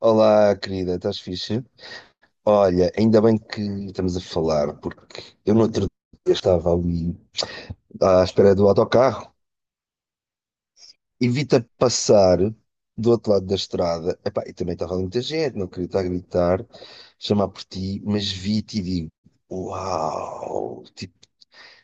Olá, querida, estás fixe? Olha, ainda bem que estamos a falar, porque eu no outro dia estava ali à espera do autocarro, evita passar do outro lado da estrada. Epá, e também estava ali muita gente, não queria estar a gritar, chamar por ti, mas vi-te e digo: Uau! Tipo,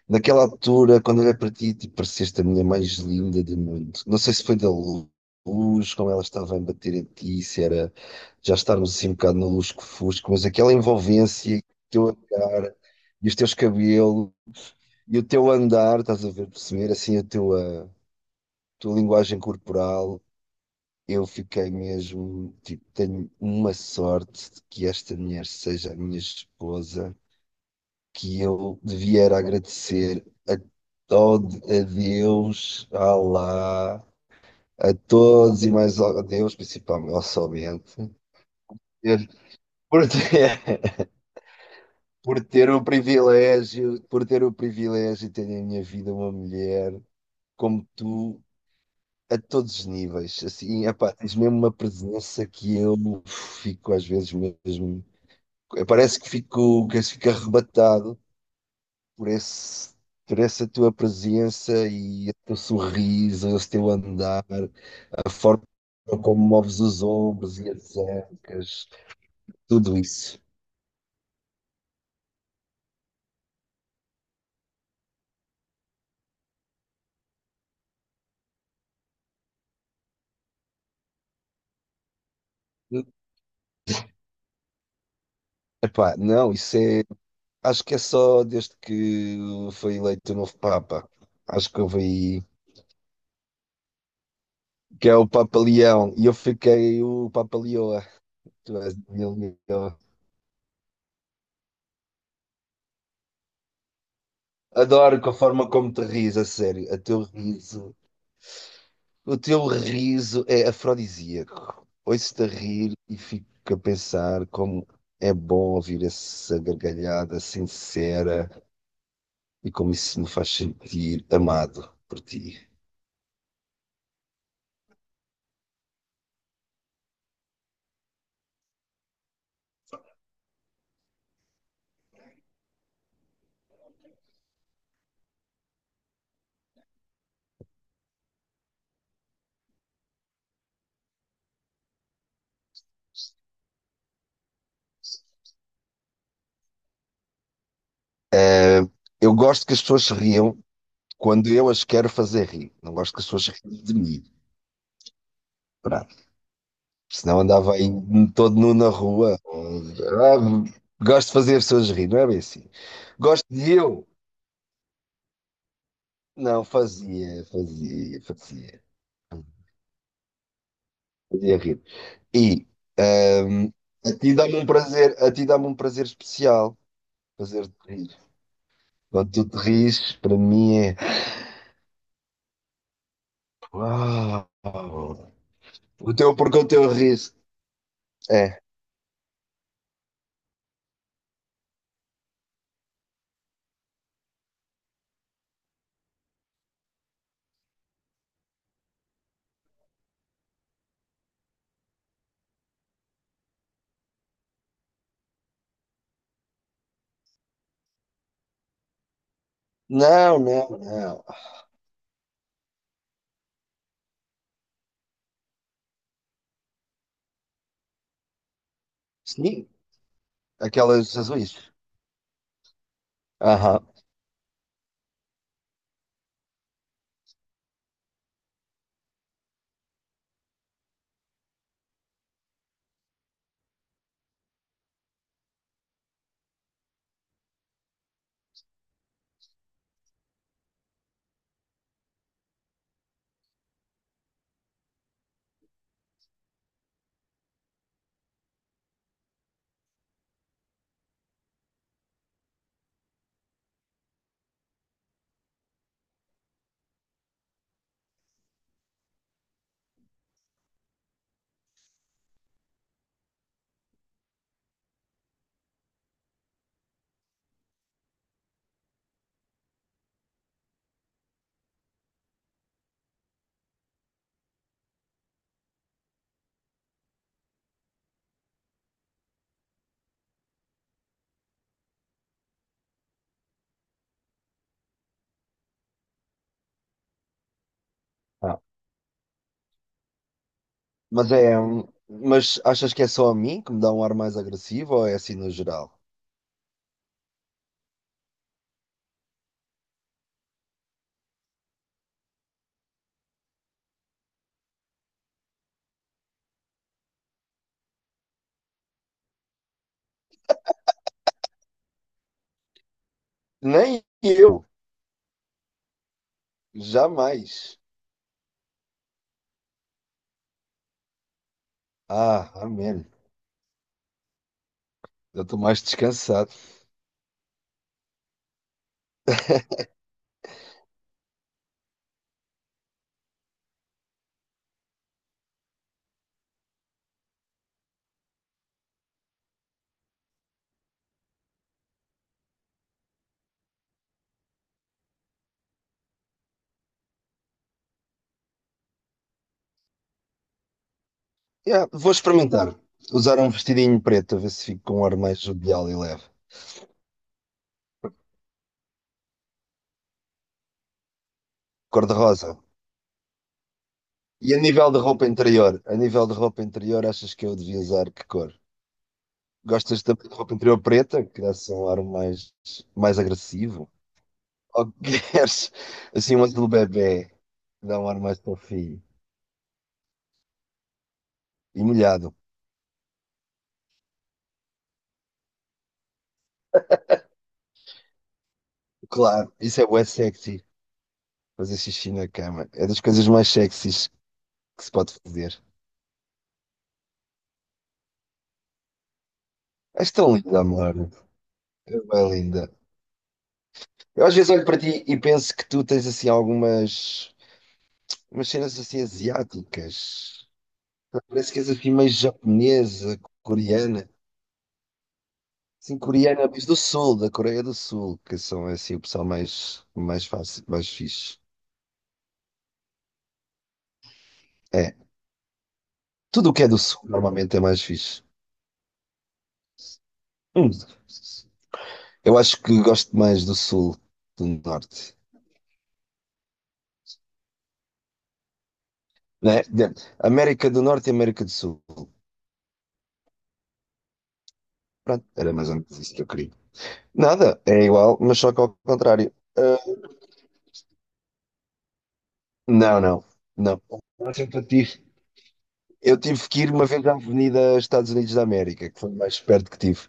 naquela altura, quando olhei para ti, tu pareceste a mulher mais linda do mundo. Não sei se foi da luz, como ela estava a bater em ti, se era já estarmos assim um bocado no lusco-fusco, mas aquela envolvência, o teu olhar e os teus cabelos e o teu andar, estás a ver, perceber assim a tua linguagem corporal. Eu fiquei mesmo, tipo, tenho uma sorte de que esta mulher seja a minha esposa que eu devia era agradecer a todo, a Deus, a Allah, a todos e mais a Deus, principalmente, ao somente, ter- por ter, por ter o privilégio de ter na minha vida uma mulher como tu. A todos os níveis, assim, epá, tens mesmo uma presença que eu fico às vezes mesmo, parece que fico arrebatado por esse, por essa tua presença e o teu sorriso, o teu andar, a forma como moves os ombros e as ancas, tudo isso. Epá, não, isso é. Acho que é só desde que foi eleito o novo Papa. Acho que houve aí. Que é o Papa Leão. E eu fiquei o Papa Leoa. Tu és de Leoa. Adoro com a forma como te ris, a sério. A teu riso O teu riso é afrodisíaco. Ouço-te a rir e fico a pensar como é bom ouvir essa gargalhada sincera e como isso me faz sentir amado por ti. Eu gosto que as pessoas se riam quando eu as quero fazer rir. Não gosto que as pessoas se riam de mim. Pronto. Senão andava aí todo nu na rua. Ah, gosto de fazer as pessoas rir, não é bem assim. Gosto de eu. Não, fazia, fazia, fazia. Fazia rir. E Ahm, A ti dá-me um prazer, a ti dá-me um prazer especial fazer-te rir. Quando tu te rires, para mim é uau. Porque o teu riso é. Não, não, não. Sim, aquelas azuis. Aham. Ah. Mas achas que é só a mim que me dá um ar mais agressivo ou é assim no geral? Nem eu, jamais. Ah, amém. Eu estou mais descansado. Yeah, vou experimentar. Usar um vestidinho preto, a ver se fico com um ar mais jovial e leve. Cor de rosa. E a nível de roupa interior? A nível de roupa interior, achas que eu devia usar que cor? Gostas também de roupa interior preta, que dá-se um ar mais, agressivo? Ou queres assim um azul bebê, que dá um ar mais fofinho e molhado? Claro, isso é bué sexy. Fazer xixi na cama. É das coisas mais sexys que se pode fazer. És tão linda, amor. É bem linda. Eu às vezes olho para ti e penso que tu tens assim algumas umas cenas assim asiáticas. Parece que és assim meio japonesa, coreana. Assim, coreana, mas do sul, da Coreia do Sul, que são assim o pessoal mais fácil, mais fixe. É. Tudo o que é do sul normalmente é mais fixe. Hum. Eu acho que gosto mais do sul, do norte. Né? América do Norte e América do Sul. Pronto, era mais ou menos isso que eu queria. Nada, é igual, mas só que ao contrário. Ah, não, não, não. O máximo que eu tive que ir uma vez à Avenida Estados Unidos da América, que foi o mais perto que tive.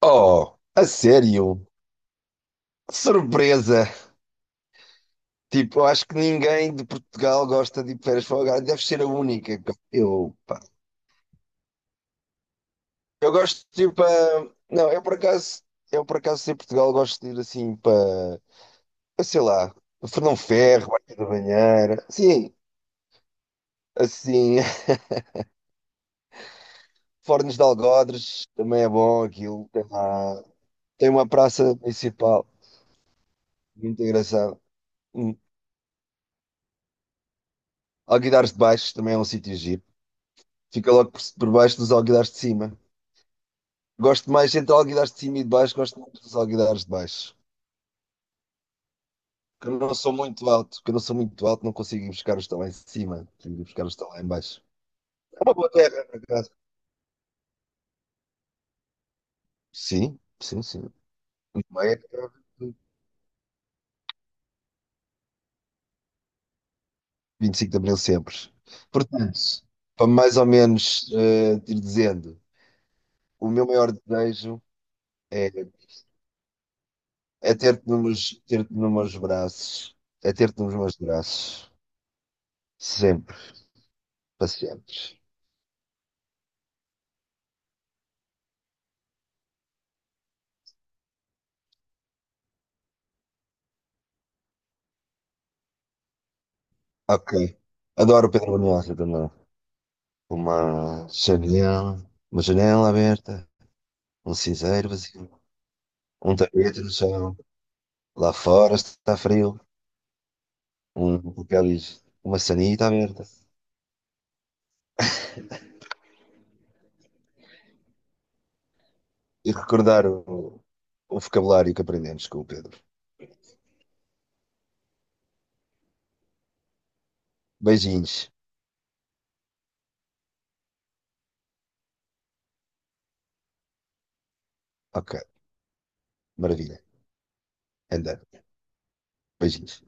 Oh, a sério? Que surpresa! Tipo, eu acho que ninguém de Portugal gosta de ir de férias para o Algarve. Deve ser a única. Eu, pá. Eu gosto, tipo, a. Não, eu por acaso em Portugal gosto de ir assim para, eu sei lá, Fernão Ferro, Barca da Banheira. Sim, assim, Fornos de Algodres, também é bom aquilo. Tem uma praça municipal muito engraçada. Hum. Alguidares de baixo também é um sítio giro. Fica logo por baixo dos alguidares de cima. Gosto mais entre alguidares de cima e de baixo, gosto muito dos alguidares de baixo. Que eu não sou muito alto, não consigo ir buscar os que estão lá em cima, consigo ir buscar os que estão lá em baixo. É uma boa terra, por acaso. Sim, sim, sim. Muito bem, é 25 de Abril sempre. Portanto, para mais ou menos ir dizendo, o meu maior desejo é É ter-te nos meus braços. É ter-te nos meus braços. Sempre, para sempre. Ok. Adoro Pedro Brunhosa também. Uma janela, uma janela aberta, um cinzeiro vazio, um tapete no chão. Lá fora está frio, um papel higiênico, uma sanita aberta. E recordar o vocabulário que aprendemos com o Pedro. Beijinhos. Ok, maravilha. Andando. Beijinhos.